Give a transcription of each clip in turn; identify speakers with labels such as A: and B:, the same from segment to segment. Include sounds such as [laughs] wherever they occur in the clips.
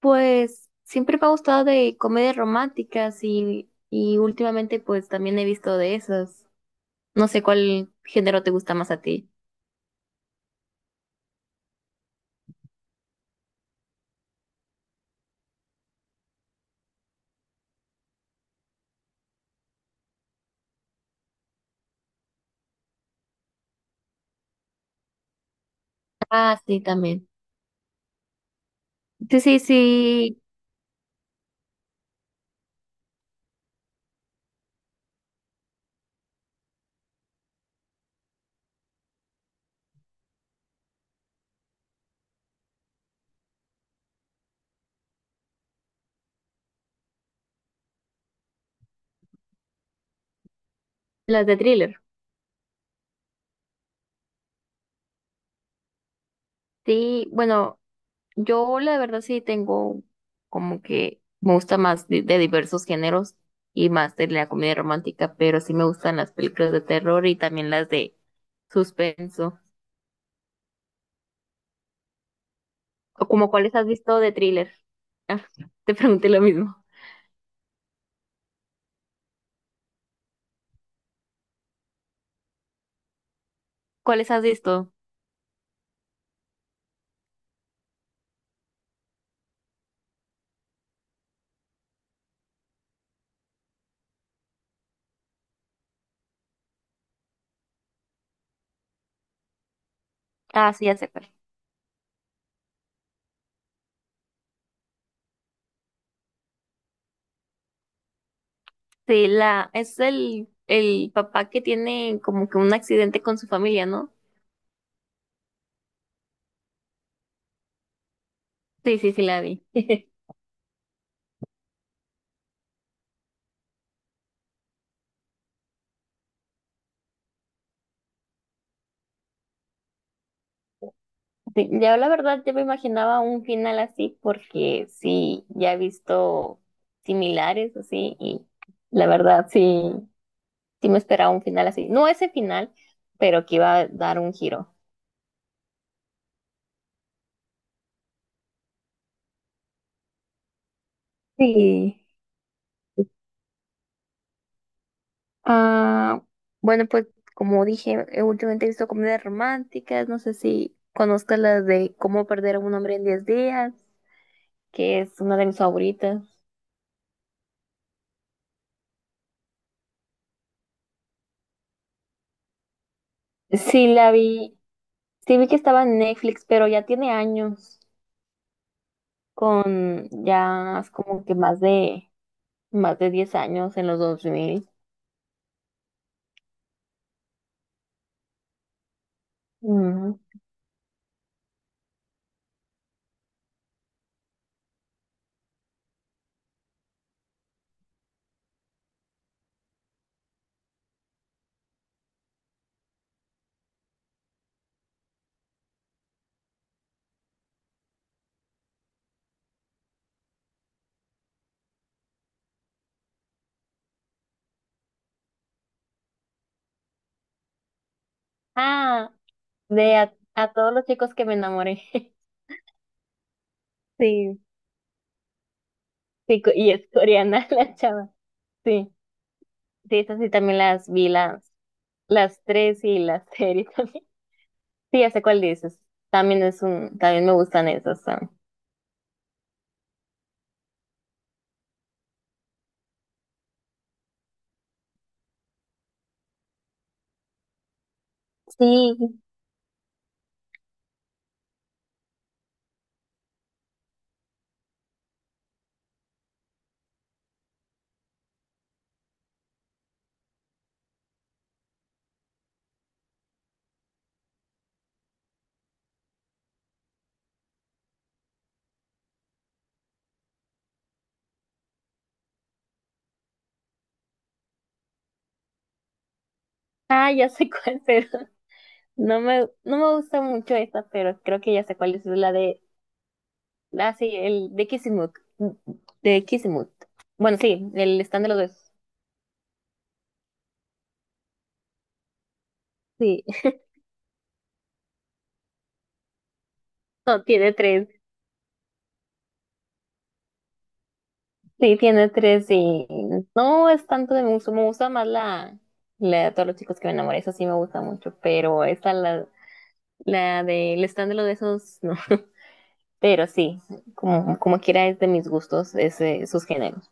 A: Pues siempre me ha gustado de comedias románticas y últimamente pues también he visto de esas. No sé cuál género te gusta más a ti. Ah, sí, también. Sí, sí, sí, las de thriller. Sí, bueno, yo la verdad sí tengo como que me gusta más de diversos géneros y más de la comedia romántica, pero sí me gustan las películas de terror y también las de suspenso. ¿O como cuáles has visto de thriller? Ah, te pregunté lo mismo. ¿Cuáles has visto? Ah, sí, ya sé cuál. Sí, la, es el papá que tiene como que un accidente con su familia, ¿no? Sí, sí, sí, la vi. [laughs] Sí, ya la verdad, yo me imaginaba un final así porque sí, ya he visto similares así y la verdad sí, sí me esperaba un final así. No ese final, pero que iba a dar un giro. Sí. Ah, bueno, pues como dije, últimamente he visto comedias románticas. No sé si conozcas las de Cómo perder a un hombre en 10 días, que es una de mis favoritas. Sí, la vi, sí vi que estaba en Netflix, pero ya tiene años, con ya es como que más de 10 años en los 2000. Ujú. Ah, de a todos los chicos que me enamoré. [laughs] Sí, sí, co- y es coreana [laughs] la chava. Sí, sí, esas sí también las vi, las. Las tres y las [laughs] serie también. Sí, ya sé cuál dices. También es un, también me gustan esas. Ah. Sí, ah, ya sé cuál, [laughs] pero no me gusta mucho esa, pero creo que ya sé cuál es la de, ah, sí, el de Kissimook, de Kissimook. Bueno, sí, el stand de los besos. Sí, [laughs] no, tiene tres. Sí, tiene tres y no es tanto de me gusta más la, la de todos los chicos que me enamoré, esa sí me gusta mucho, pero esta, la del stand de los besos, [laughs] no. Pero sí, como, como quiera es de mis gustos ese, sus géneros.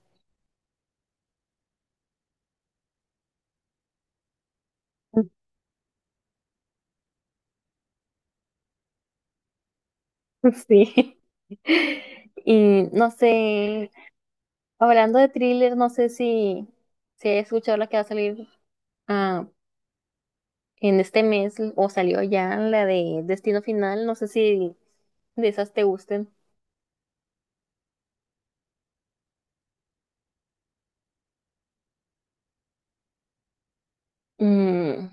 A: [laughs] Sí. Y no sé, hablando de thriller, no sé si, si he escuchado la que va a salir ah, en este mes o salió ya la de Destino Final, no sé si de esas te gusten. Mm,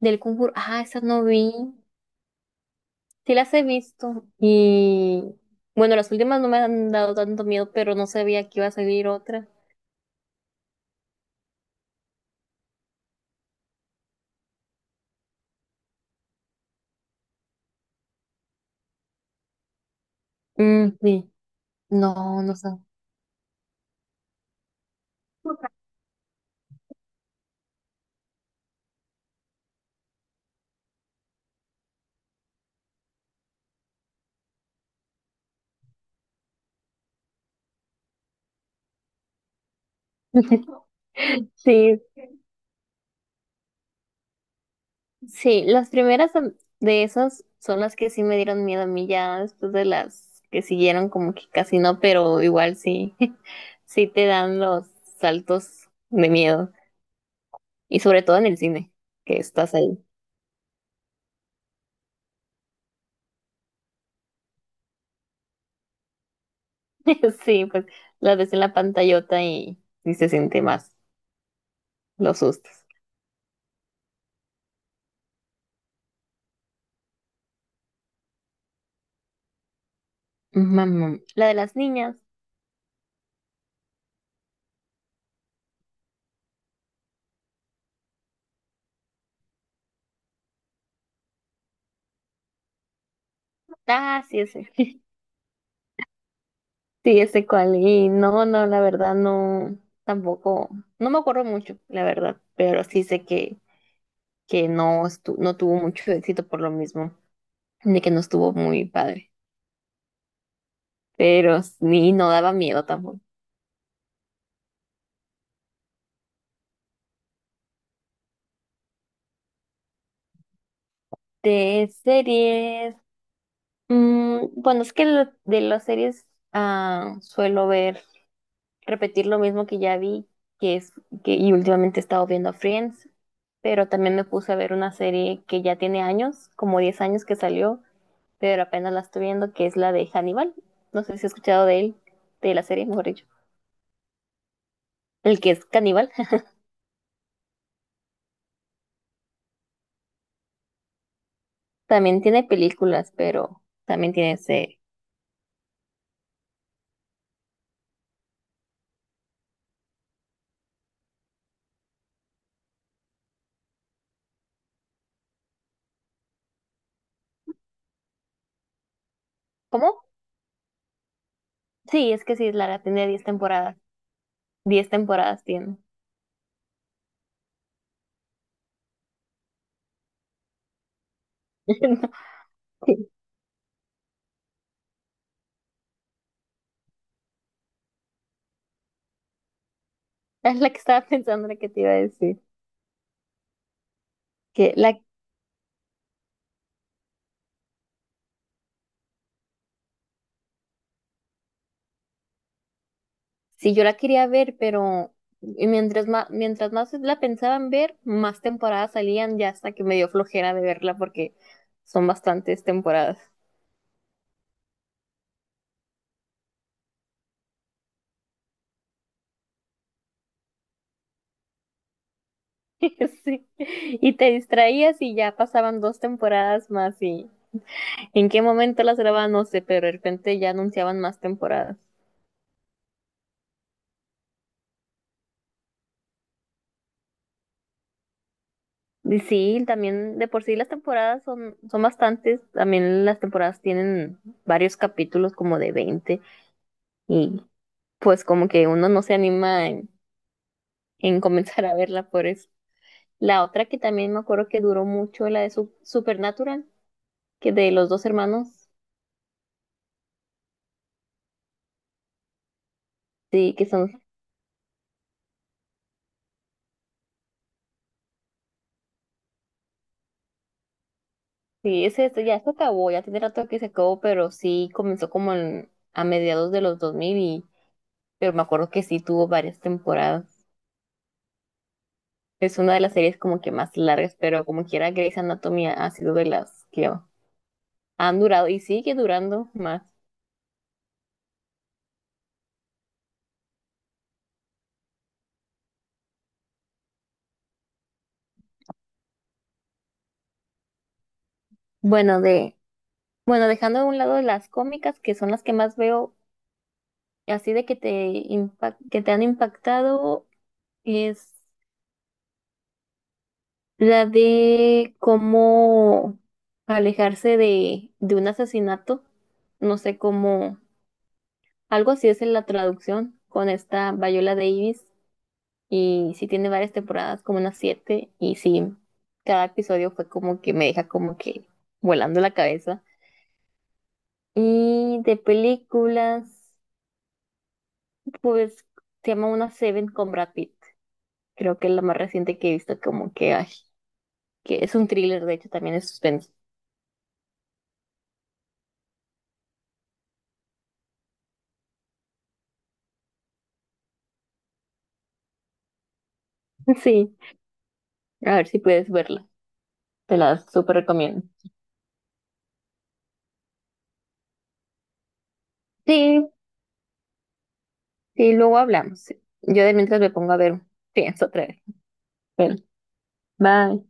A: del concurso, ah, esas no vi, sí las he visto y bueno, las últimas no me han dado tanto miedo, pero no sabía que iba a salir otra. Mm, sí, no, no sé. [laughs] Sí, sí, las primeras son- de esas son las que sí me dieron miedo a mí. Ya después de las que siguieron como que casi no, pero igual sí, [laughs] sí te dan los saltos de miedo y sobre todo en el cine, que estás ahí. [laughs] Sí, pues las ves en la pantallota y se siente más los sustos. Mamá, la de las niñas. Ah, sí, sí. [laughs] Sí, ese cual. Y no, no, la verdad no, tampoco, no me acuerdo mucho, la verdad, pero sí sé que no estu- no tuvo mucho [laughs] éxito por lo mismo, de que no estuvo muy padre, pero ni no daba miedo tampoco. De series, mm, bueno, es que lo- de las series ah, suelo ver, repetir lo mismo que ya vi, que es, que, y últimamente he estado viendo Friends, pero también me puse a ver una serie que ya tiene años, como 10 años que salió, pero apenas la estoy viendo, que es la de Hannibal. No sé si has escuchado de él, de la serie, mejor dicho. El que es caníbal. [laughs] También tiene películas, pero también tiene ese... ¿Cómo? Sí, es que sí, Lara tiene 10 temporadas. Diez temporadas tiene. [laughs] No, sí, es la que estaba pensando, la que te iba a decir. Que la... Sí, yo la quería ver, pero mientras más la pensaban ver, más temporadas salían ya, hasta que me dio flojera de verla porque son bastantes temporadas. [laughs] Sí. Y te distraías y ya pasaban dos temporadas más y en qué momento las grababan, no sé, pero de repente ya anunciaban más temporadas. Y sí, también de por sí las temporadas son, son bastantes, también las temporadas tienen varios capítulos como de 20 y pues como que uno no se anima en [laughs] comenzar a verla por eso. La otra que también me acuerdo que duró mucho, la de Su- Supernatural, que de los dos hermanos, sí, que son. Sí, ese, este ya se acabó, ya tiene rato que se acabó, pero sí comenzó como en- a mediados de los 2000 y, pero me acuerdo que sí tuvo varias temporadas. Es una de las series como que más largas, pero como quiera Grey's Anatomy ha sido de las que han durado y sigue durando más. Bueno, de, bueno, dejando a un lado las cómicas, que son las que más veo, así de que te, impa- que te han impactado, la de cómo alejarse de un asesinato. No sé cómo. Algo así es en la traducción, con esta Viola Davis. Y sí tiene varias temporadas, como unas 7. Y sí, cada episodio fue como que me deja como que volando la cabeza. Y de películas, pues se llama una Seven con Brad Pitt. Creo que es la más reciente que he visto, como que, ay, que es un thriller, de hecho, también es suspenso. [laughs] Sí, a ver si puedes verla. Te la súper recomiendo. Sí, sí, luego hablamos. Yo de mientras me pongo a ver, pienso otra vez. Bueno, bye.